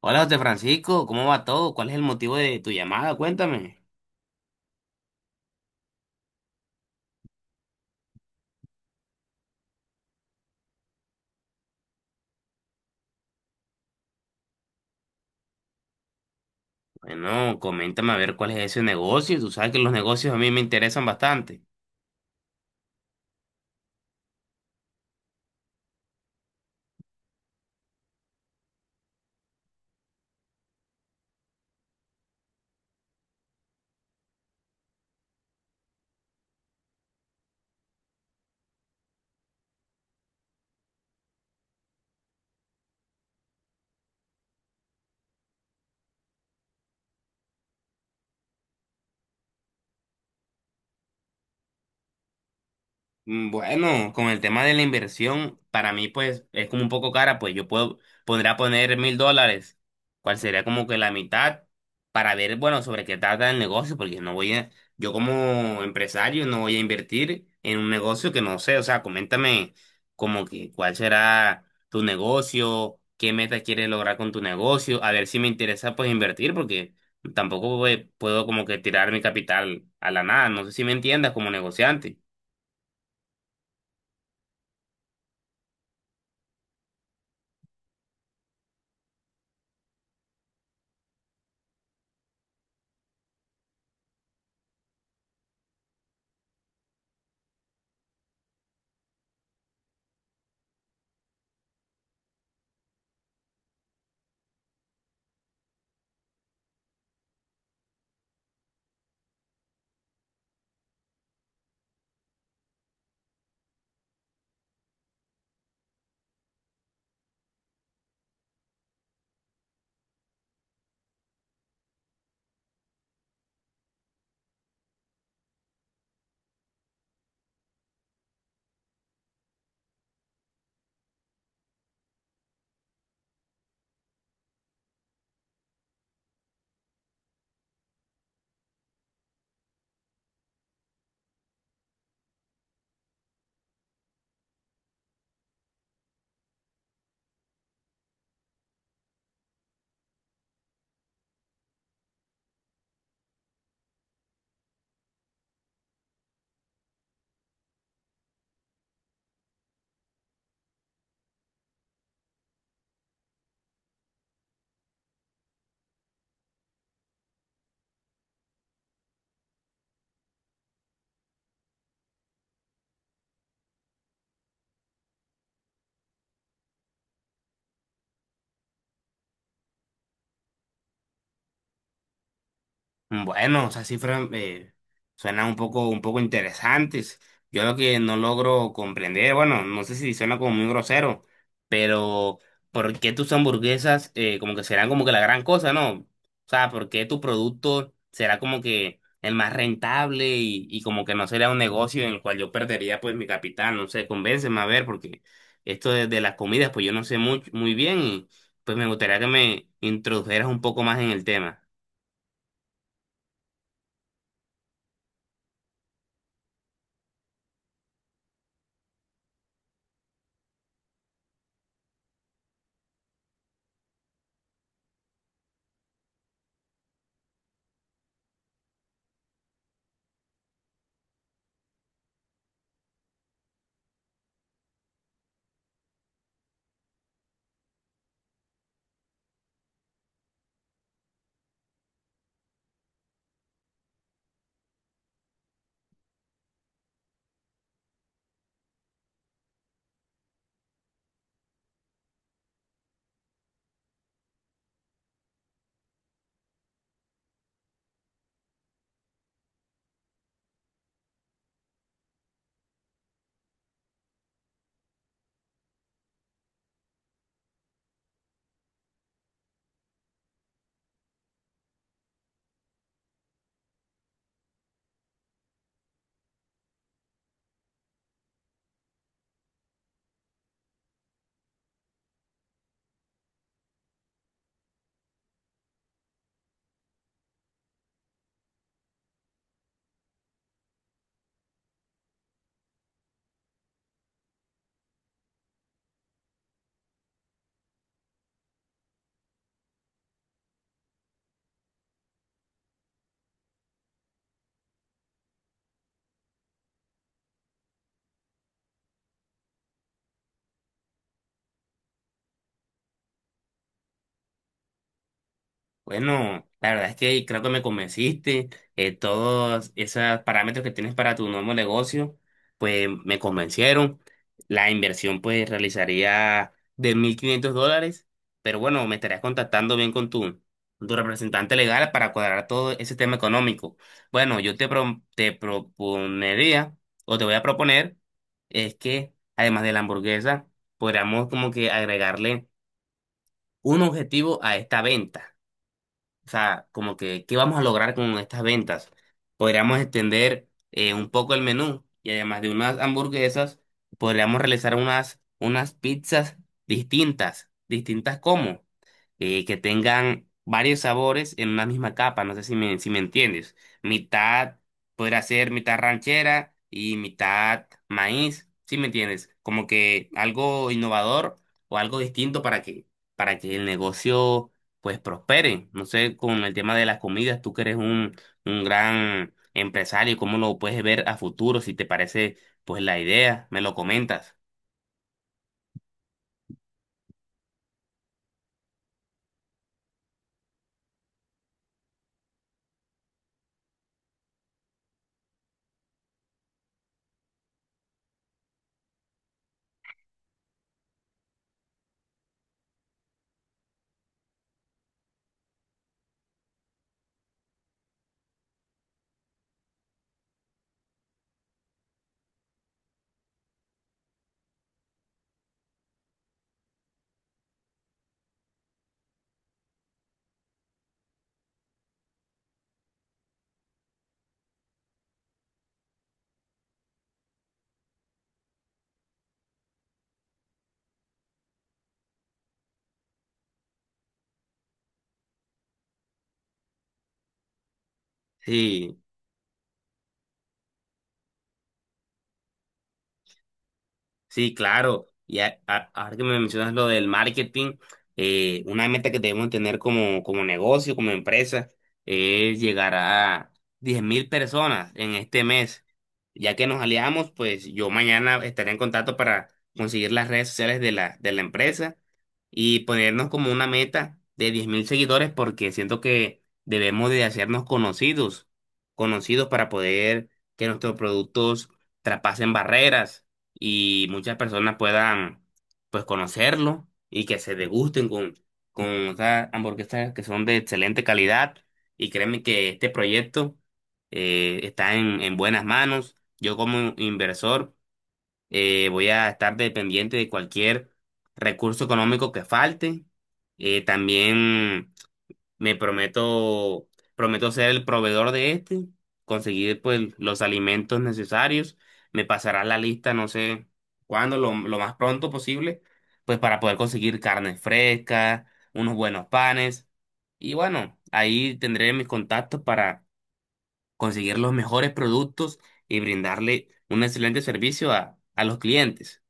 Hola José Francisco, ¿cómo va todo? ¿Cuál es el motivo de tu llamada? Cuéntame. Bueno, coméntame a ver cuál es ese negocio. Tú sabes que los negocios a mí me interesan bastante. Mm, bueno, con el tema de la inversión, para mí pues es como un poco cara, podría poner $1000, cual sería como que la mitad, para ver, bueno, sobre qué trata el negocio, porque no voy a, yo como empresario no voy a invertir en un negocio que no sé, o sea, coméntame como que cuál será tu negocio, qué meta quieres lograr con tu negocio, a ver si me interesa pues invertir, porque tampoco pues, puedo como que tirar mi capital a la nada, no sé si me entiendas como negociante. Bueno, o sea, cifras suenan un poco interesantes. Yo lo que no logro comprender, bueno, no sé si suena como muy grosero, pero ¿por qué tus hamburguesas como que serán como que la gran cosa, ¿no? O sea, ¿por qué tu producto será como que el más rentable y como que no sería un negocio en el cual yo perdería pues mi capital? No sé, convénceme a ver, porque esto de las comidas, pues yo no sé muy bien y pues me gustaría que me introdujeras un poco más en el tema. Bueno, la verdad es que creo que me convenciste. Todos esos parámetros que tienes para tu nuevo negocio, pues me convencieron. La inversión pues realizaría de $1500, pero bueno, me estarías contactando bien con tu representante legal para cuadrar todo ese tema económico. Bueno, yo te, pro- te proponería o te voy a proponer es que además de la hamburguesa, podríamos como que agregarle un objetivo a esta venta. O sea, como que, ¿qué vamos a lograr con estas ventas? Podríamos extender un poco el menú y además de unas hamburguesas, podríamos realizar unas pizzas distintas. ¿Distintas cómo? Que tengan varios sabores en una misma capa, no sé si me, si me entiendes. Mitad podrá ser mitad ranchera y mitad maíz, ¿sí me entiendes? Como que algo innovador o algo distinto para que el negocio pues prospere. No sé, con el tema de las comidas, tú que eres un gran empresario, ¿cómo lo puedes ver a futuro? Si te parece pues la idea, me lo comentas. Sí. Sí, claro. Ahora que me mencionas lo del marketing, una meta que debemos tener como negocio, como empresa, es llegar a 10.000 personas en este mes. Ya que nos aliamos, pues yo mañana estaré en contacto para conseguir las redes sociales de la empresa y ponernos como una meta de 10.000 seguidores porque siento que debemos de hacernos conocidos para poder que nuestros productos traspasen barreras y muchas personas puedan pues conocerlo y que se degusten con esas hamburguesas que son de excelente calidad y créeme que este proyecto en buenas manos. Yo como inversor voy a estar dependiente de cualquier recurso económico que falte. También me prometo, prometo ser el proveedor de este, conseguir pues los alimentos necesarios. Me pasarás la lista, no sé cuándo, lo más pronto posible, pues para poder conseguir carne fresca, unos buenos panes. Y bueno, ahí tendré mis contactos para conseguir los mejores productos y brindarle un excelente servicio a los clientes.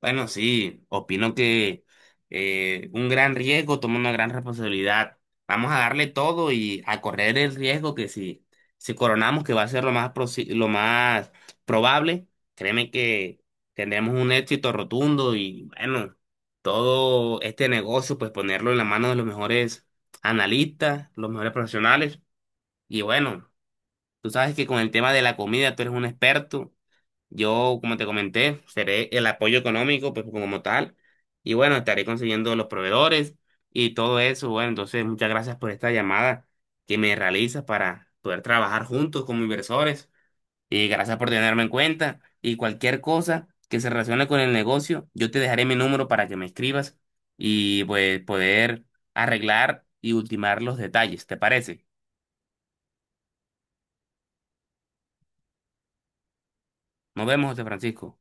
Bueno, sí, opino que un gran riesgo toma una gran responsabilidad. Vamos a darle todo y a correr el riesgo que si coronamos, que va a ser lo más probable, créeme que tendremos un éxito rotundo y bueno, todo este negocio, pues ponerlo en la mano de los mejores analistas, los mejores profesionales. Y bueno, tú sabes que con el tema de la comida tú eres un experto. Yo, como te comenté, seré el apoyo económico, pues como tal. Y bueno, estaré consiguiendo los proveedores y todo eso. Bueno, entonces muchas gracias por esta llamada que me realizas para poder trabajar juntos como inversores. Y gracias por tenerme en cuenta. Y cualquier cosa que se relacione con el negocio, yo te dejaré mi número para que me escribas y pues poder arreglar y ultimar los detalles. ¿Te parece? Nos vemos, José Francisco.